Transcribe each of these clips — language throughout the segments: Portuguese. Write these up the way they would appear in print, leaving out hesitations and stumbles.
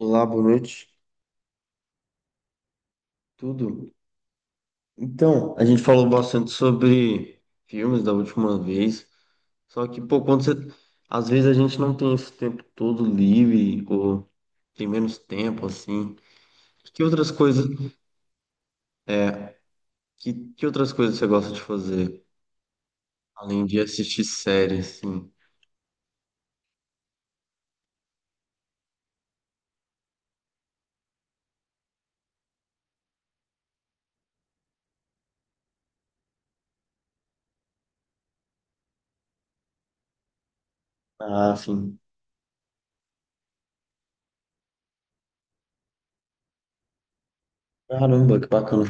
Olá, boa noite. Tudo? Então, a gente falou bastante sobre filmes da última vez, só que, pô, quando você... Às vezes a gente não tem esse tempo todo livre, ou tem menos tempo, assim. Que outras coisas, é, que outras coisas você gosta de fazer, além de assistir séries, assim? Ah, sim. Caramba, que bacana.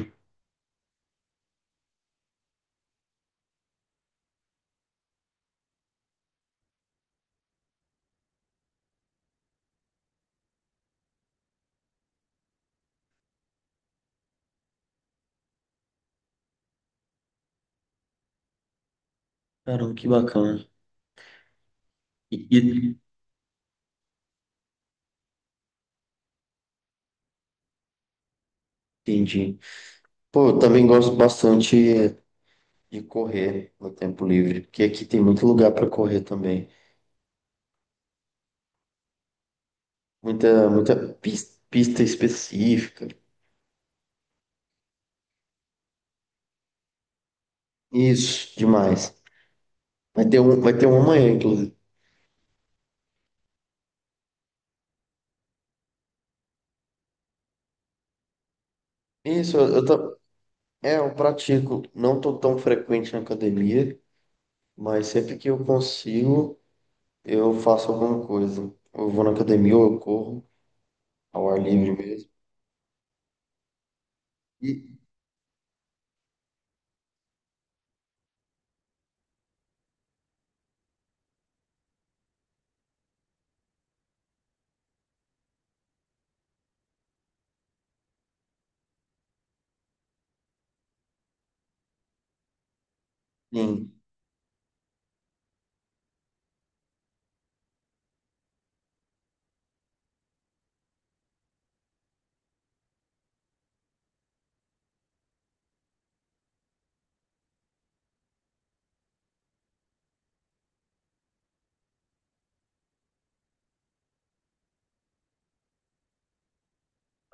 Caramba, que bacana. E- entendi. Pô, eu também gosto bastante de correr no tempo livre, porque aqui tem muito lugar para correr também. Muita pista específica. Isso, demais. Vai ter um amanhã, inclusive. Isso, é, eu pratico. Não tô tão frequente na academia, mas sempre que eu consigo, eu faço alguma coisa. Ou eu vou na academia ou eu corro ao ar livre mesmo. E sim,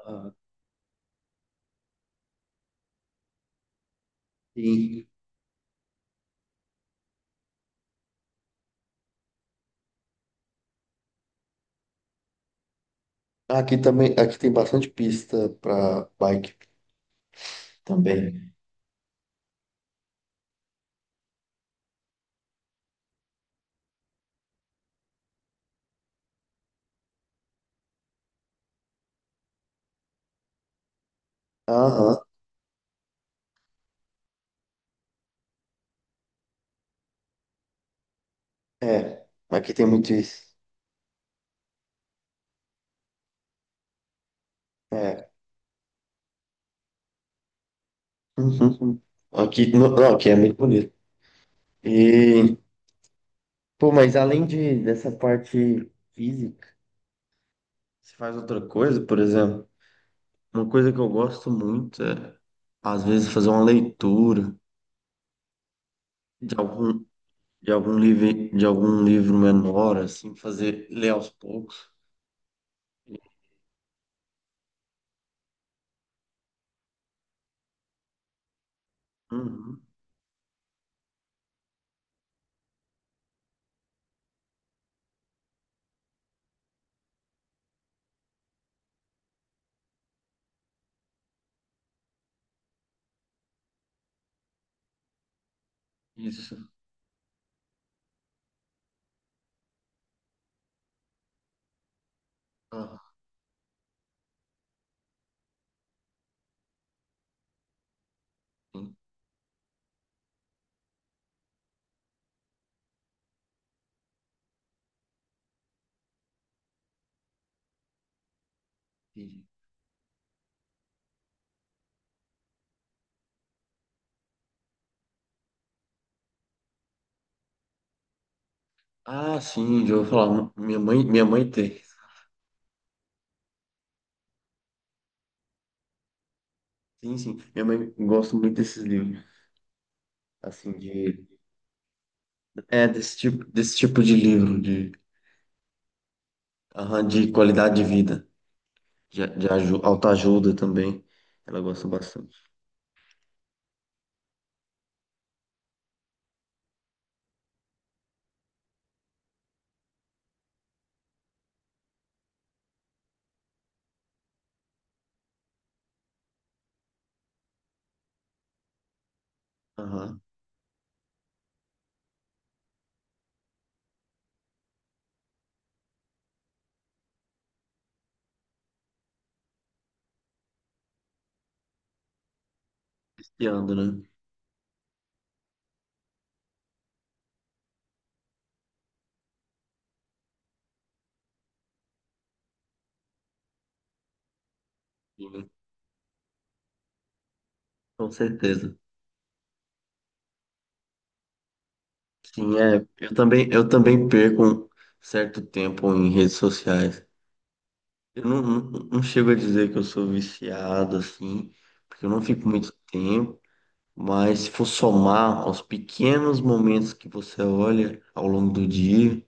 ah, sim. Aqui também, aqui tem bastante pista para bike também. Aham, é. Aqui tem muito isso. É. Uhum. Aqui, não, não, aqui é muito bonito. E, pô, mas além dessa parte física, você faz outra coisa, por exemplo, uma coisa que eu gosto muito é, às vezes, fazer uma leitura de algum, de algum livro menor, assim, fazer, ler aos poucos. Uhum, isso. Ah, sim, entendi. Ah, sim, já ouvi falar. Minha mãe tem. Sim, sim. Minha mãe gosta muito desses livros, assim, de, é, desse tipo de livro, de, aham, de qualidade de vida. Autoajuda também. Ela gosta bastante. Aham. E ando, né? Sim, com certeza. Sim, é. Eu também perco um certo tempo em redes sociais. Eu não chego a dizer que eu sou viciado, assim, porque eu não fico muito tempo. Mas se for somar aos pequenos momentos que você olha ao longo do dia,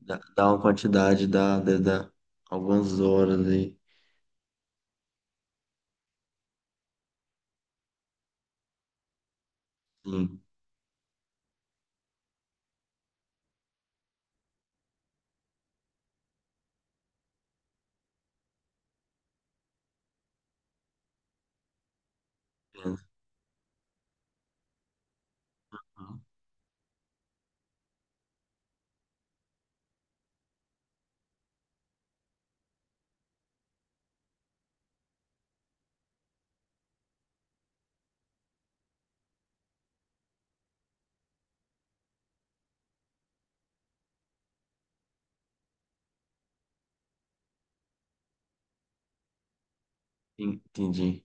dá uma quantidade, dá algumas horas aí. Sim, é. Entendi.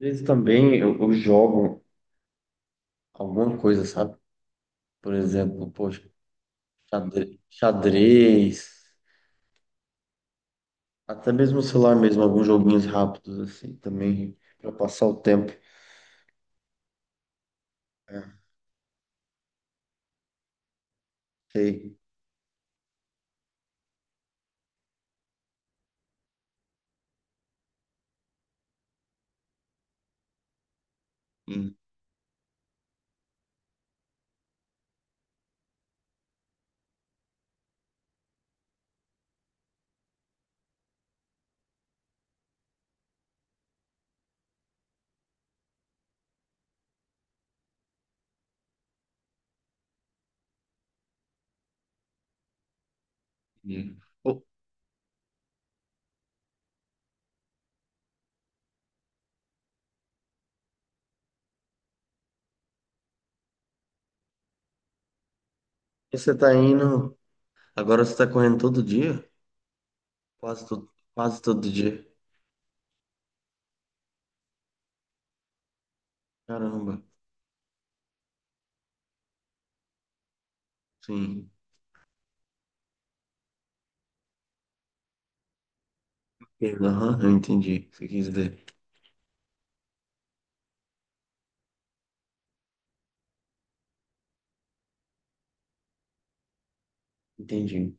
Às vezes também eu jogo alguma coisa, sabe? Por exemplo, poxa, xadrez, até mesmo no celular mesmo, alguns joguinhos rápidos assim também, para passar o tempo. É, sei. Hum, Pô, e você tá indo, agora você tá correndo todo dia? Quase todo dia. Caramba, sim. Aham, eu entendi o que você quis dizer. Entendi.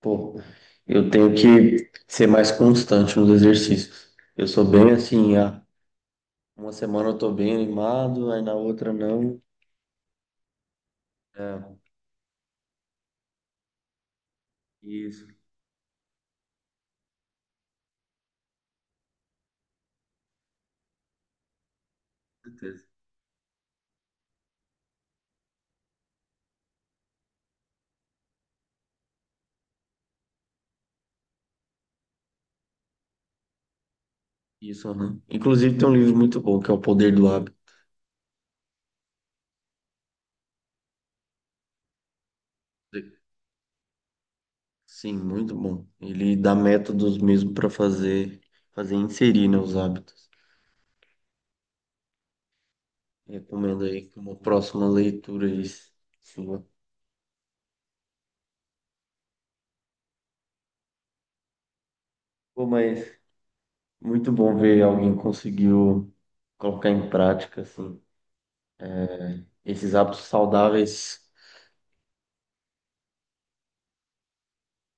Pô, eu tenho que ser mais constante nos exercícios. Eu sou bem assim, ah, uma semana eu tô bem animado, aí na outra não. É, isso, com certeza. Isso, aham. Inclusive tem um livro muito bom que é O Poder do Hábito. Sim, muito bom. Ele dá métodos mesmo para fazer, inserir, né, os hábitos. Recomendo aí como próxima leitura isso. Sua. Pô, mas muito bom ver alguém conseguiu colocar em prática assim esses hábitos saudáveis.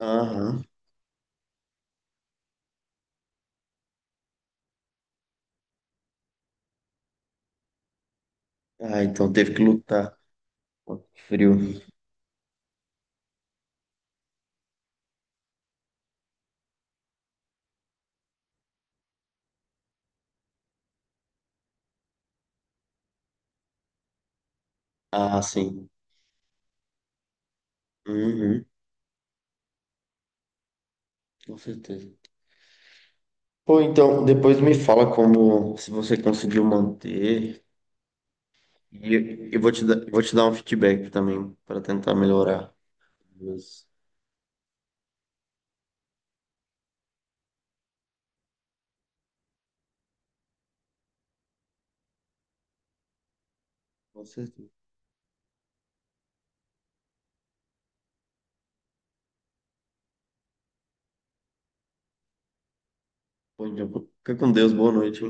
Aham. Ah, então teve que lutar. Pô, que frio. Ah, sim. Uhum. Com certeza. Pô, então, depois me fala como se você conseguiu manter. E eu vou te dar, eu vou te dar um feedback também para tentar melhorar. Mas, com certeza. Bom dia. Fica com Deus, boa noite.